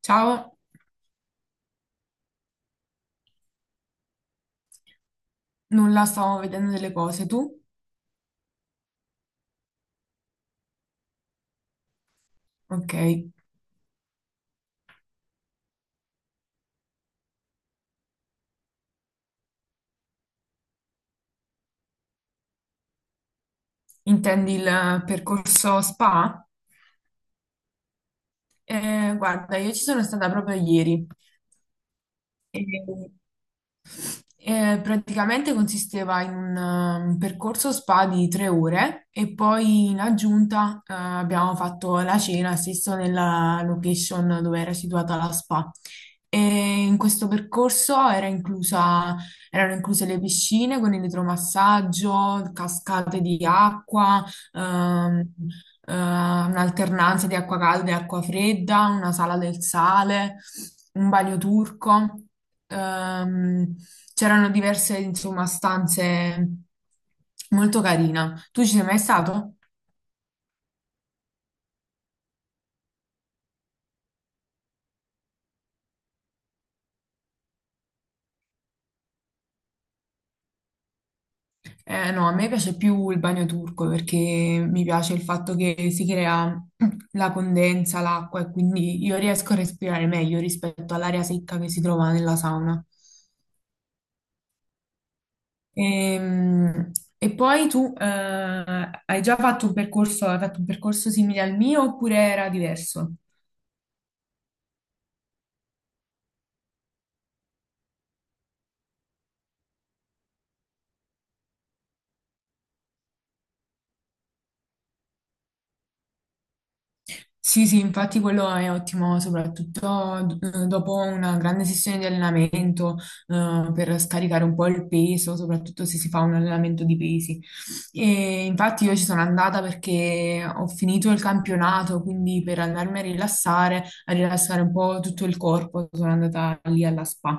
Ciao, nulla, stavo vedendo delle cose. Tu? Ok, intendi il percorso spa? Guarda, io ci sono stata proprio ieri. E praticamente consisteva in un percorso spa di tre ore e poi in aggiunta, abbiamo fatto la cena stesso nella location dove era situata la spa. E in questo percorso erano incluse le piscine con elettromassaggio, cascate di acqua, ehm, un'alternanza di acqua calda e acqua fredda, una sala del sale, un bagno turco. Ehm, C'erano diverse, insomma, stanze molto carine. Tu ci sei mai stato? No, a me piace più il bagno turco perché mi piace il fatto che si crea la condensa, l'acqua e quindi io riesco a respirare meglio rispetto all'aria secca che si trova nella sauna. Ehm, E, poi tu hai fatto un percorso simile al mio oppure era diverso? Sì, sì, infatti quello è ottimo, soprattutto dopo una grande sessione di allenamento, per scaricare un po' il peso, soprattutto se si fa un allenamento di pesi. E infatti io ci sono andata perché ho finito il campionato, quindi per andarmi a rilassare un po' tutto il corpo, sono andata lì alla spa.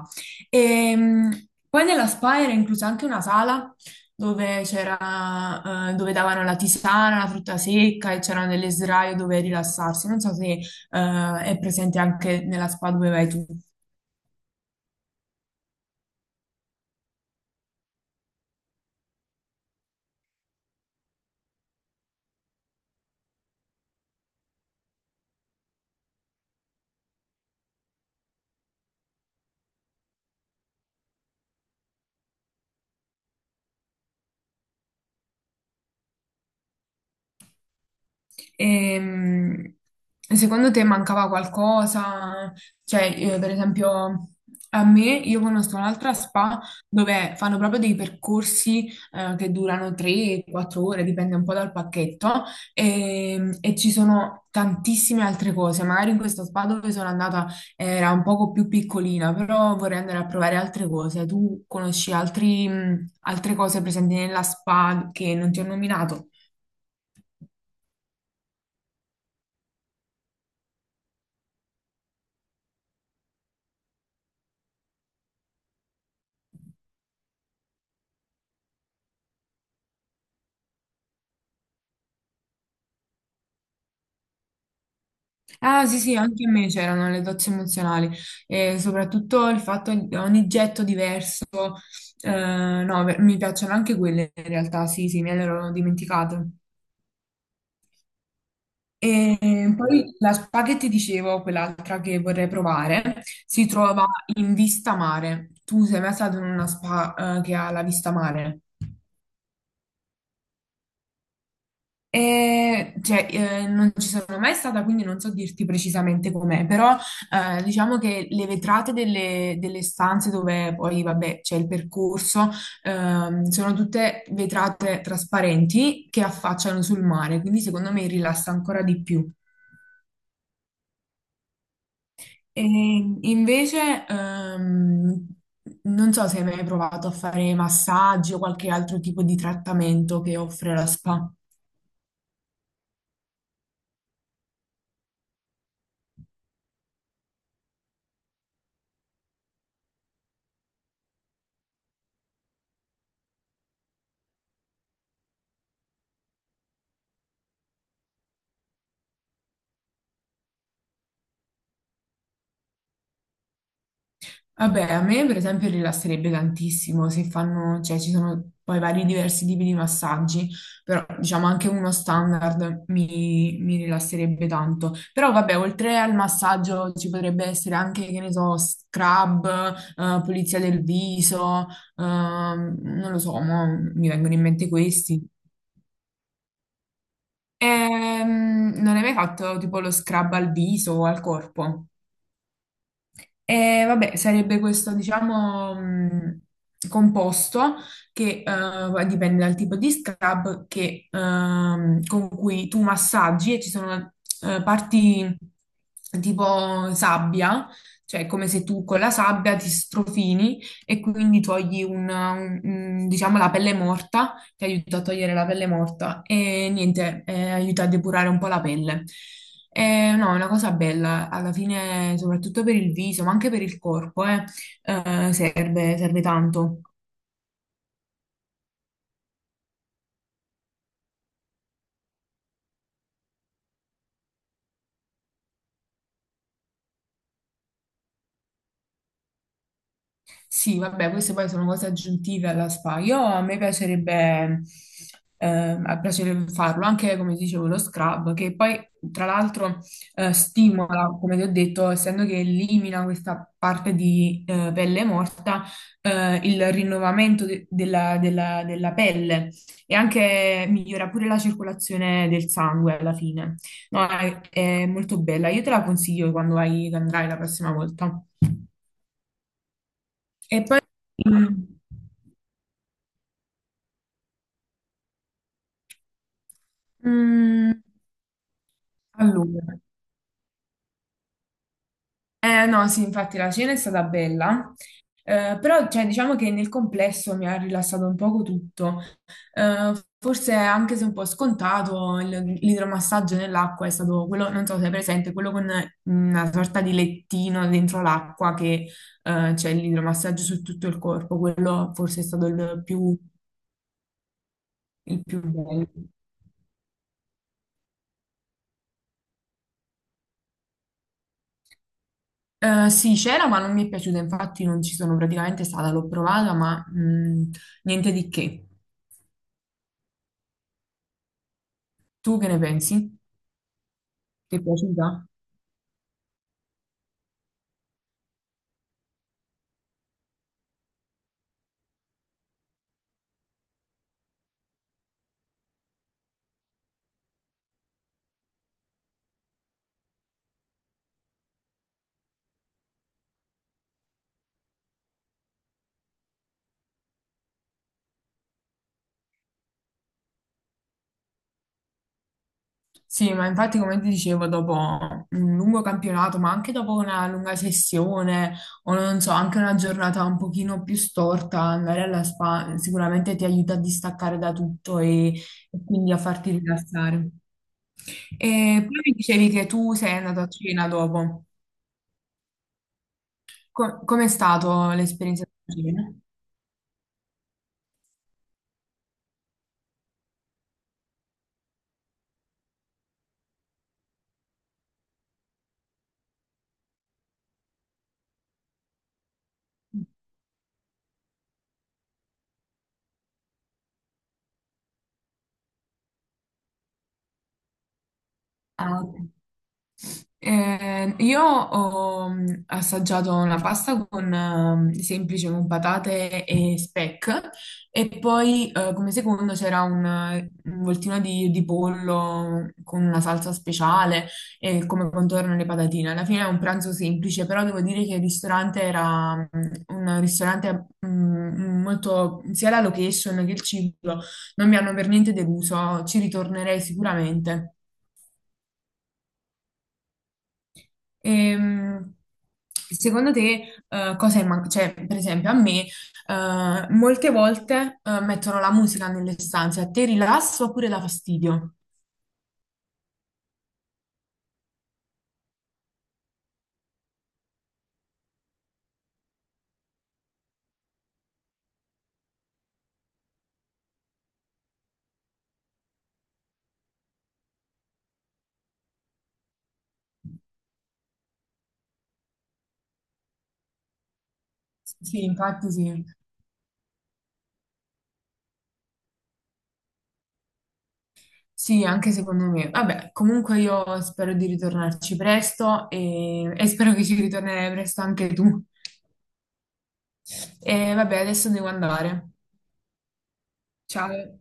E, poi nella spa era inclusa anche una sala dove davano la tisana, la frutta secca e c'erano delle sdraio dove rilassarsi. Non so se, è presente anche nella spa dove vai tu. Ehm, Secondo te mancava qualcosa? Cioè, io, per esempio, a me, io conosco un'altra spa dove fanno proprio dei percorsi, che durano 3-4 ore, dipende un po' dal pacchetto, e, ci sono tantissime altre cose. Magari in questa spa dove sono andata era un poco più piccolina, però vorrei andare a provare altre cose. Tu conosci altre cose presenti nella spa che non ti ho nominato? Ah, sì, sì, anche a me c'erano le docce emozionali e soprattutto il fatto di ogni getto diverso, no, beh, mi piacciono anche quelle in realtà, sì, sì, me le ero dimenticato. E poi la spa che ti dicevo, quell'altra che vorrei provare, si trova in vista mare. Tu sei mai stato in una spa, che ha la vista mare? E, cioè, non ci sono mai stata, quindi non so dirti precisamente com'è, però diciamo che le vetrate delle, delle stanze dove poi, vabbè, c'è il percorso, sono tutte vetrate trasparenti che affacciano sul mare, quindi secondo me rilassa ancora di più. E invece, non so se hai mai provato a fare massaggi o qualche altro tipo di trattamento che offre la spa. Vabbè, a me per esempio rilasserebbe tantissimo se fanno, cioè ci sono poi vari diversi tipi di massaggi, però diciamo anche uno standard mi rilasserebbe tanto. Però vabbè, oltre al massaggio ci potrebbe essere anche, che ne so, scrub, pulizia del viso, non lo so, mo mi vengono in mente questi. Non hai mai fatto tipo lo scrub al viso o al corpo? E vabbè, sarebbe questo, diciamo, composto che, dipende dal tipo di scrub che, con cui tu massaggi e ci sono, parti tipo sabbia, cioè come se tu con la sabbia ti strofini e quindi togli diciamo, la pelle morta, che aiuta a togliere la pelle morta e niente, aiuta a depurare un po' la pelle. No, è una cosa bella, alla fine, soprattutto per il viso, ma anche per il corpo, serve tanto. Sì, vabbè, queste poi sono cose aggiuntive alla spa. Io a me piacerebbe farlo anche come dicevo lo scrub, che poi tra l'altro stimola, come ti ho detto, essendo che elimina questa parte di pelle morta, il rinnovamento della pelle e anche migliora pure la circolazione del sangue alla fine. No, è molto bella. Io te la consiglio quando andrai la prossima volta. E poi. Mm. Mm, allora, no, sì, infatti la cena è stata bella, però cioè, diciamo che nel complesso mi ha rilassato un poco tutto. Eh, Forse anche se un po' scontato, l'idromassaggio nell'acqua è stato quello, non so se è presente, quello con una sorta di lettino dentro l'acqua che, c'è l'idromassaggio su tutto il corpo, quello forse è stato il più bello. Sì, c'era, ma non mi è piaciuta, infatti non ci sono praticamente stata, l'ho provata, ma niente di che. Tu che ne pensi? Ti è piaciuta? Sì, ma infatti come ti dicevo, dopo un lungo campionato, ma anche dopo una lunga sessione o non so, anche una giornata un pochino più storta, andare alla spa sicuramente ti aiuta a distaccare da tutto e quindi a farti rilassare. E poi mi dicevi che tu sei andato a cena dopo. Com'è stato l'esperienza di cena? Ah, ok. Io ho assaggiato una pasta con semplice con patate e speck e poi, come secondo c'era un voltino di pollo con una salsa speciale e come contorno le patatine. Alla fine è un pranzo semplice, però devo dire che il ristorante era, un ristorante molto, sia la location che il cibo non mi hanno per niente deluso, ci ritornerei sicuramente. Ehm, Secondo te, cosa è cioè, per esempio, a me, molte volte, mettono la musica nelle stanze, a te rilassa oppure dà fastidio? Sì, infatti sì. Sì, anche secondo me. Vabbè, comunque io spero di ritornarci presto e spero che ci ritornerai presto anche tu. E vabbè, adesso devo andare. Ciao.